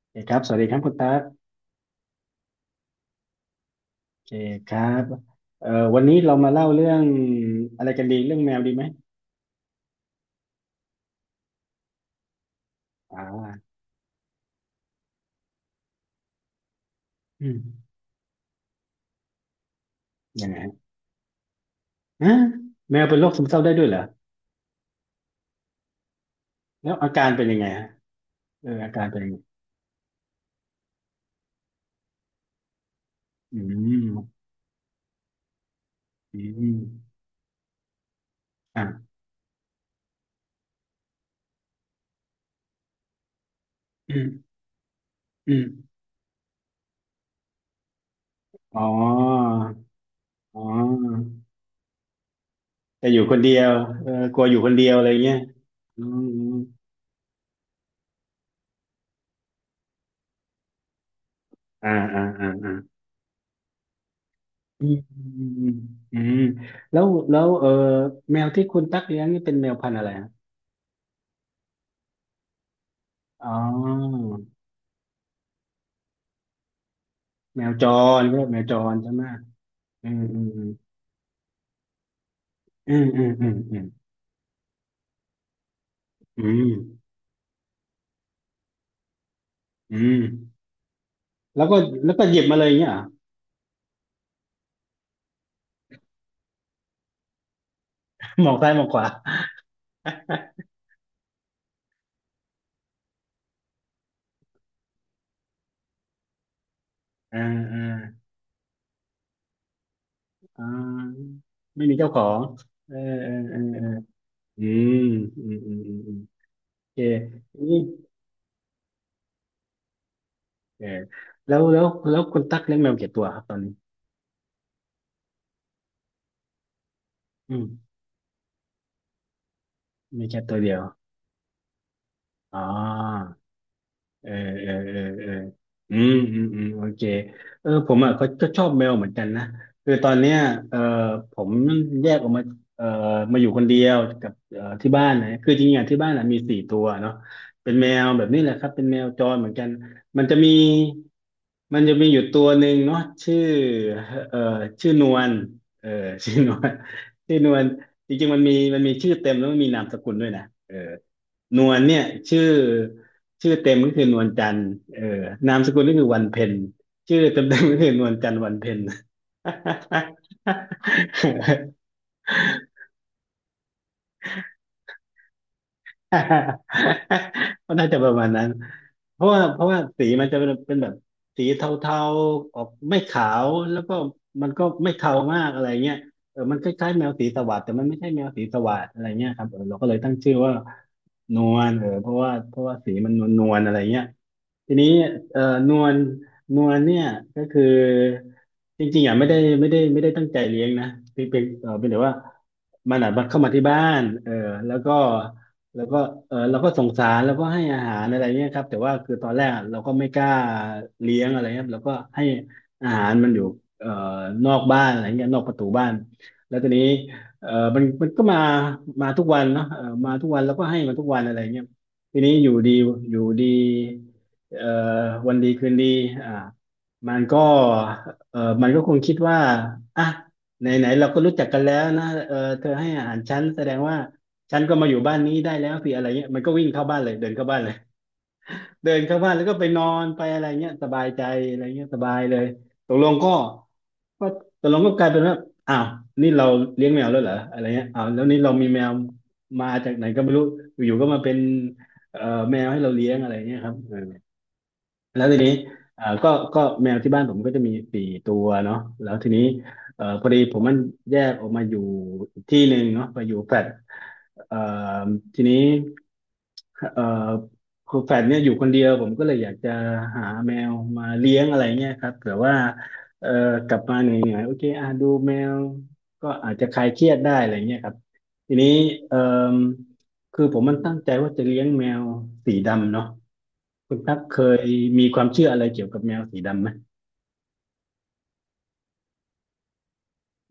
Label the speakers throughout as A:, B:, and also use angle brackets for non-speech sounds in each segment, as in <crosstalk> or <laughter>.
A: โอเคครับสวัสดีครับคุณตั๊กโอเคครับเอ่อวันนี้เรามาเล่าเรื่องอะไรกันดีเรื่องแมวดีไหมอ่าอืมยังไงฮะอะแมวเป็นโรคซึมเศร้าได้ด้วยเหรอแล้วอาการเป็นยังไงฮะเอออาการเป็นยังไงอืมอืมอ่าอืมอืมอ๋ออ๋อแต่อยู่คนเดียวเออกลัวอยู่คนเดียวอะไรเงี้ยอืมอืมอ่าอ่าอ่าอ่าอืมอืมอืมอืมแล้วแล้วเออแมวที่คุณตักเลี้ยงนี่เป็นแมวพันธุ์อะไรฮะ อ๋อแมวจรพวกว่าแมวจรใช่ไหมอืมอืมอืมอืมอืมอืมอืมอืมแล้วก็แล้วก็หยิบมาเลยอย่างเงี้ยเหรอ <laughs> หมองซ้ายหมองขวาอ่าอ่าอ่าไม่มีเจ้าของเออเออเออเอออืมอืมอืมอืมอืมโอเคนี่เออแล้วคุณตั๊กเลี้ยงแมวกี่ตัวครับตอนนี้อืมมีแค่ตัวเดียวอ๋อ เออเออเออเอออืมอืมอืมโอเคเออผมอ่ะก็ชอบแมวเหมือนกันนะคือตอนเนี้ยเออผมแยกออกมาเออมาอยู่คนเดียวกับเออที่บ้านนะคือจริงๆอ่ะที่บ้านอ่ะมีสี่ตัวเนาะเป็นแมวแบบนี้แหละครับเป็นแมวจรเหมือนกันมันจะมีมันจะมีอยู่ตัวหนึ่งเนาะชื่อเออชื่อนวลเออ <laughs> ชื่อนวลชื่อนวลจริงๆมันมีชื่อเต็มแล้วมันมีนามสกุลด้วยนะเออ นวลเนี่ยชื่อชื่อเต็มก็คือนวลจันทร์เออนามสกุลก็คือวันเพ็ญชื่อเต็มเต็มก็คือนวลจันทร์วันเพ็ญ <laughs> ก็น่าจะประมาณนั้นเพราะว่าสีมันจะเป็นเป็นแบบสีเทาๆออกไม่ขาวแล้วก็มันก็ไม่เทามากอะไรเงี้ยเออมันคล้ายๆแมวสีสวัสดแต่มันไม่ใช่แมวสีสวัสดอะไรเงี้ยครับเออเราก็เลยตั้งชื่อว่านวลเออเพราะว่าสีมันนวลๆอะไรเงี้ย ทีนี้เอ่อนวลนวลเนี่ยก็คือจริงๆอ่ะไม่ได้ตั้งใจเลี้ยงนะเปีนเป็นเป็นแต่ว่ามันอ่ะมันเข้ามาที่บ้านเออแล้วก็แล้วก็เออเราก็สงสารแล้วก็ให้อาหารอะไรเงี้ยครับแต่ว่าคือตอนแรกอะเราก็ไม่กล้าเลี้ยงอะไรครับเราก็ให้อาหารมันอยู่เอ่อนอกบ้านอะไรเงี้ยนอกประตูบ้านแล้วทีนี้เออมันก็มามาทุกวันเนาะเออมาทุกวันแล้วก็ให้มันทุกวันอะไรเงี้ยทีนี้อยู่ดีอยู่ดี เอ่อวันดีคืนดีอ่ามันก็มันก็คงคิดว่าอ่ะไหนไหนเราก็รู้จักกันแล้วนะเออเธอให้อาหารฉันแสดงว่าฉันก็มาอยู่บ้านนี้ได้แล้วสิอะไรเงี้ยมันก็วิ่งเข้าบ้านเลยเดินเข้าบ้านเลยเดินเข้าบ้านแล้วก็ไปนอนไปอะไรเงี้ยสบายใจอะไรเงี้ยสบายเลยตกลงก็ก็ตกลงก็กลายเป็นว่าอ้าวนี่เราเลี้ยงแมวแล้วเหรออะไรเงี้ยอ้าวแล้วนี่เรามีแมวมาจากไหนก็ไม่รู้อยู่ๆก็มาเป็นเอ่อแมวให้เราเลี้ยงอะไรเงี้ยครับ แล้วทีนี้ก็แมวที่บ้านผมก็จะมีสี่ตัวเนาะแล้วทีนี้พอดีผมมันแยกออกมาอยู่อีกที่หนึ่งเนาะไปอยู่แฟลตเอ่อทีนี้เอ่อคือแฟลตเนี่ยอยู่คนเดียวผมก็เลยอยากจะหาแมวมาเลี้ยงอะไรเงี้ยครับแื่อว่าเอ่อกลับมาเหนื่อยๆโอเคอ่ะดูแมวก็อาจจะคลายเครียดได้อะไรเงี้ยครับทีนี้เอ่อคือผมมันตั้งใจว่าจะเลี้ยงแมวสีดำเนาะ คุณตั๊กเคยมีความเชื่ออะไรเกี่ยวกับแมวสีดำไหม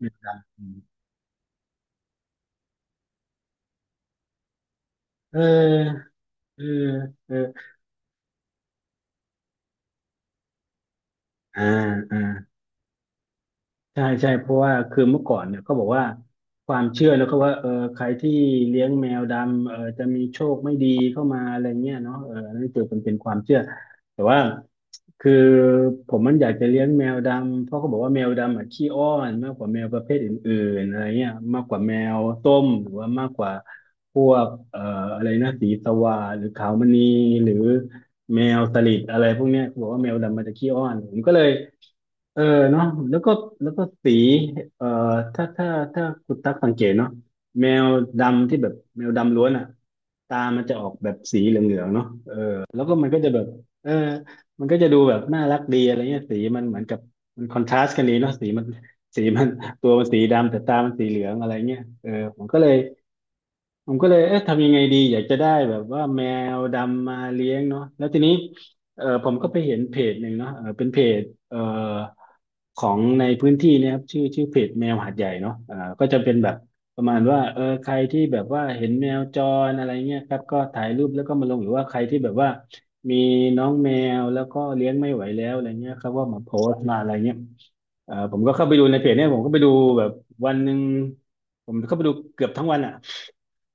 A: แมวดำเออเออเอออ่าอ่า ใช่ใช่เพราะว่าคือเมื่อก่อนเนี่ยเขาบอกว่าความเชื่อแล้วก็ว่าเออใครที่เลี้ยงแมวดำเออจะมีโชคไม่ดีเข้ามาอะไรเงี้ยเนาะเออันนั่นคือมันเป็นความเชื่อแต่ว่าคือผมมันอยากจะเลี้ยงแมวดำเพราะเขาบอกว่าแมวดำอ่ะขี้อ้อนมากกว่าแมวประเภทอื่นๆอะไรเงี้ยมากกว่าแมวส้มหรือว่ามากกว่าพวกอะไรนะสีสวาหรือขาวมณีหรือแมวสลิดอะไรพวกเนี้ยเขาบอกว่าแมวดำมันจะขี้อ้อนผมก็เลย เออเนาะแล้วก็แล้วก็สีเอ่อถ้าถ้าถ้าคุณตักสังเกตเนาะแมวดำที่แบบแมวดำล้วนอ่ะตามันจะออกแบบสีเหลืองๆเนาะเออแล้วก็มันก็จะแบบเออมันก็จะดูแบบน่ารักดีอะไรเงี้ยสีมันเหมือนกับมันคอนทราสต์กันดีเนาะสีมันตัวมันสีดำแต่ตามันสีเหลืองอะไรเงี้ยเออผมก็เลยผมก็เลยเอ๊ะทำยังไงดีอยากจะได้แบบว่าแมวดำมาเลี้ยงเนาะแล้วทีนี้เออผมก็ไปเห็นเพจหนึ่งเนาะเออเป็นเพจเออ ของในพื้นที่เนะครับชื่อเพจแมวหาดใหญ่เนาะอ่าก็จะเป็นแบบประมาณว่าเออใครที่แบบว่าเห็นแมวจรอะไรเงี้ยครับก็ถ่ายรูปแล้วก็มาลงหรือว่าใครที่แบบว่ามีน้องแมวแล้วก็เลี้ยงไม่ไหวแล้วอะไรเงี้ยครับว่ามาโพสต์มาอะไรเงี้ยผมก็เข้าไปดูในเพจเนี่ยผมก็ไปดูแบบวันหนึ่งผมเข้าไปดูเกือบทั้งวันอ่ะ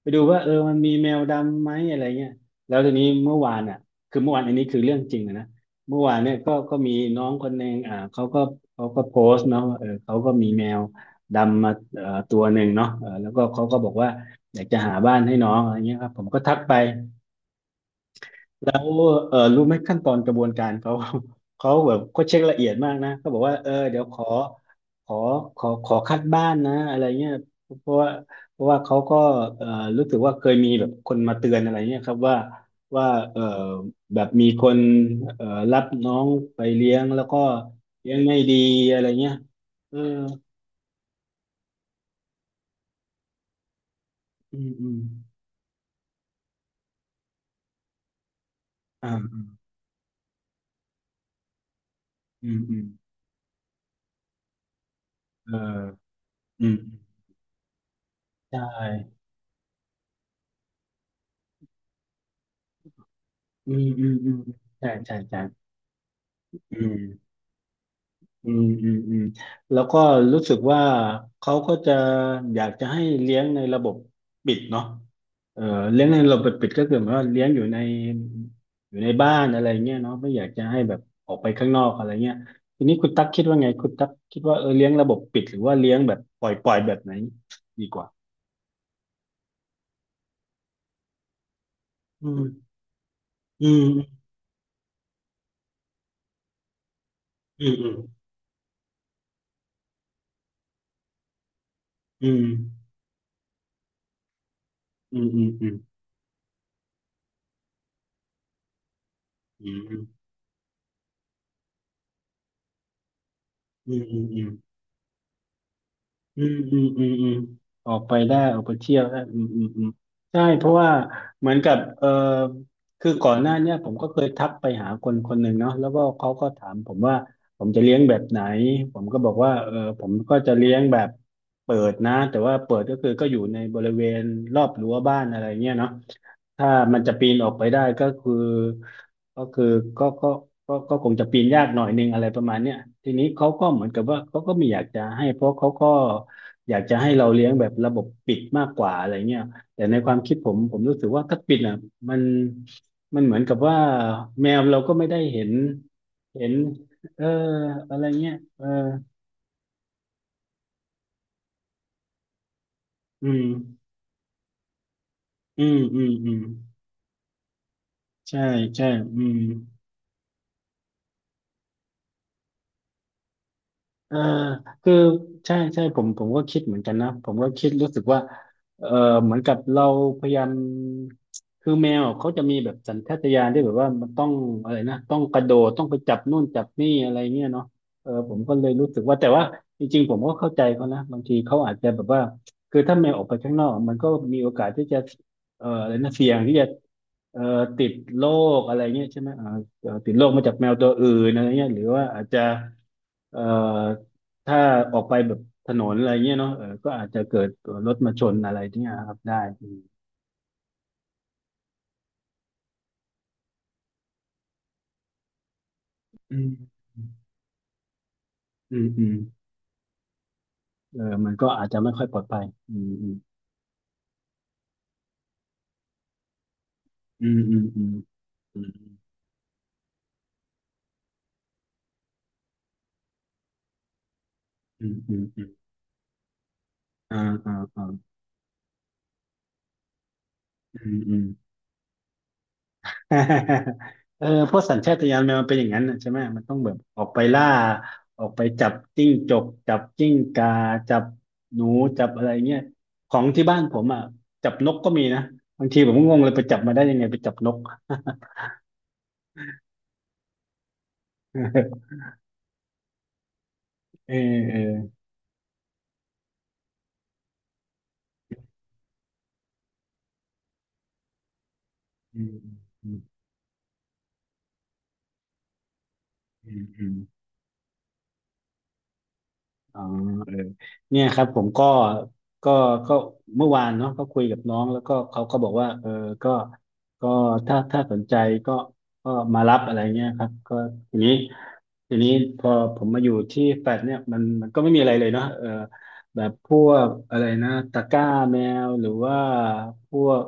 A: ไปดูว่าเออมันมีแมวดำไหมอะไรเงี้ยแล้วทีนี้เมื่อวานอ่ะคือเมื่อวานอันนี้คือเรื่องจริงนะนะเมื่อวานเนี่ยก็มีน้องคนหนึ่งอ่าเขาก็โพสต์เนาะว่าเออเขาก็มีแมวดำมาตัวหนึ่งเนาะเออแล้วก็เขาก็บอกว่าอยากจะหาบ้านให้น้องอะไรเงี้ยครับผมก็ทักไป แล้วเออรู้ไหมขั้นตอนกระบวนการเขา <laughs> เขาแบบเขาเช็คละเอียดมากนะเขาบอกว่าเออเดี๋ยวขอขอคัดบ้านนะอะไรเงี้ยเพราะว่าเพราะว่าเขาก็เออรู้สึกว่าเคยมีแบบคนมาเตือนอะไรเงี้ยครับว่าเออแบบมีคนเออรับน้องไปเลี้ยงแล้วก็เลี้ยงไม่ดีอะไรเงี้ยเอออืมอืมอ่าอืมอืมเอออืมใช่อืมอืมอืมใช่ใช่ใช่อืม อืมอืมอืมแล้วก็รู้สึกว่าเขาก็จะอยากจะให้เลี้ยงในระบบปิดเนาะเออเลี้ยงในระบบปิดก็คือหมายว่าเลี้ยงอยู่ในบ้านอะไรเงี้ยเนาะไม่อยากจะให้แบบออกไปข้างนอกอะไรเงี้ยทีนี้คุณตั๊กคิดว่าไงคุณตั๊กคิดว่าเออเลี้ยงระบบปิดหรือว่าเลี้ยงแบบปล่อยแบบไหนดีกว่าอืมอืมอืมอืมอืมอืมอืมอืมอืมอืมอืมอืม อืมอืมอืมอืมออกไปได้ออกไปเที่ยวได้อืมอืมอืมใช่เพราะว่าเหมือนกับเออคือก่อนหน้าเนี้ยผมก็เคยทักไปหาคนคนหนึ่งเนาะแล้วก็เขาก็ถามผมว่าผมจะเลี้ยงแบบไหนผมก็บอกว่าเออผมก็จะเลี้ยงแบบเปิดนะแต่ว่าเปิดก็คือก็อยู่ในบริเวณรอบรั้วบ้านอะไรเงี้ยเนาะ ถ้ามันจะปีนออกไปได้ก็คือก็คือก็ก็ก็ก็คงจะปีนยากหน่อยนึงอะไรประมาณเนี้ยทีนี้เขาก็เหมือนกับว่าเขาก็ไม่อยากจะให้เพราะเขาก็อยากจะให้เราเลี้ยงแบบระบบปิดมากกว่าอะไรเงี้ยแต่ในความคิดผมรู้สึกว่าถ้าปิดอ่ะมันมันเหมือนกับว่าแมวเราก็ไม่ได้เห็นเอออะไรเงี้ยเอออืมอืมอืมอืมใช่ใช่อืม เออคือใช่ใช่ผมก็คิดเหมือนกันนะผมก็คิดรู้สึกว่าเออเหมือนกับเราพยายามคือแมวอะเขาจะมีแบบสัญชาตญาณที่แบบว่ามันต้องอะไรนะต้องกระโดดต้องไปจับนู่นจับนี่อะไรเงี้ยเนาะเออผมก็เลยรู้สึกว่าแต่ว่าจริงๆผมก็เข้าใจเขานะบางทีเขาอาจจะแบบว่าคือถ้าแมวออกไปข้างนอกมันก็มีโอกาสที่จะอะไรนะเสี่ยงที่จะเอ่อติดโรคอะไรเงี้ยใช่ไหมติดโรคมาจากแมวตัวอื่นอะไรเงี้ยหรือว่าอาจจะเอ่อ ถ้าออกไปแบบถนนอะไรเงี้ยเนาะเออก็อาจจะเกิดรถมาชนอะไรที่เนี้ยครับได้อืมอืมอืมอืมเออมันก็อาจจะไม่ค่อยปลอดภัยอืมอืมอืมอืมอืมอืมอืมอืมอมอ่าอ่าอ่าอืมอืมเออเพราะสัญชาตญาณแมวมันเป็นอย่างนั้นน่ะใช่ไหมมันต้องแบบออกไปล่าออกไปจับจิ้งจกจับจิ้งกาจับหนูจับอะไรเงี้ยของที่บ้านผมอ่ะจับนกก็มีนะบางทีผมก็งงเลยไปจับมาได้ยังไงไปจับนก <laughs> เออเอออืมอืมอืมอืมอ๋อเออเนี่ยครับผมก็ก็เมื่อวานเนาะก็คุยกับน้องแล้วก็เขาก็บอกว่าเออก็ก็ถ้าสนใจก็ก็มารับอะไรเงี้ยครับก็ทีนี้ทีนี้พอผมมาอยู่ที่แฟลตเนี่ยมันก็ไม่มีอะไรเลยเนาะเออ แบบพวกอะไรนะตะกร้าแมวหรือว่าพวก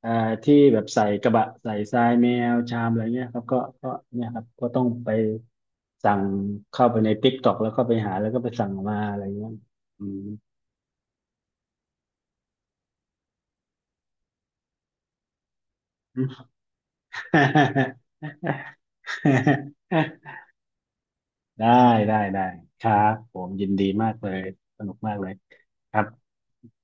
A: เอ่อที่แบบใส่กระบะใส่ทรายแมวชามอะไรเงี้ยครับก็ก็เนี่ยครับก็ต้องไปสั่งเข้าไปในติ๊กต็อกแล้วก็ไปหาแล้วก็ไปสั่งมาอะไรเงี้ยอืม <laughs> ได้ได้ได้ครับผมยินดีมากเลยสนุกมากเลยครับ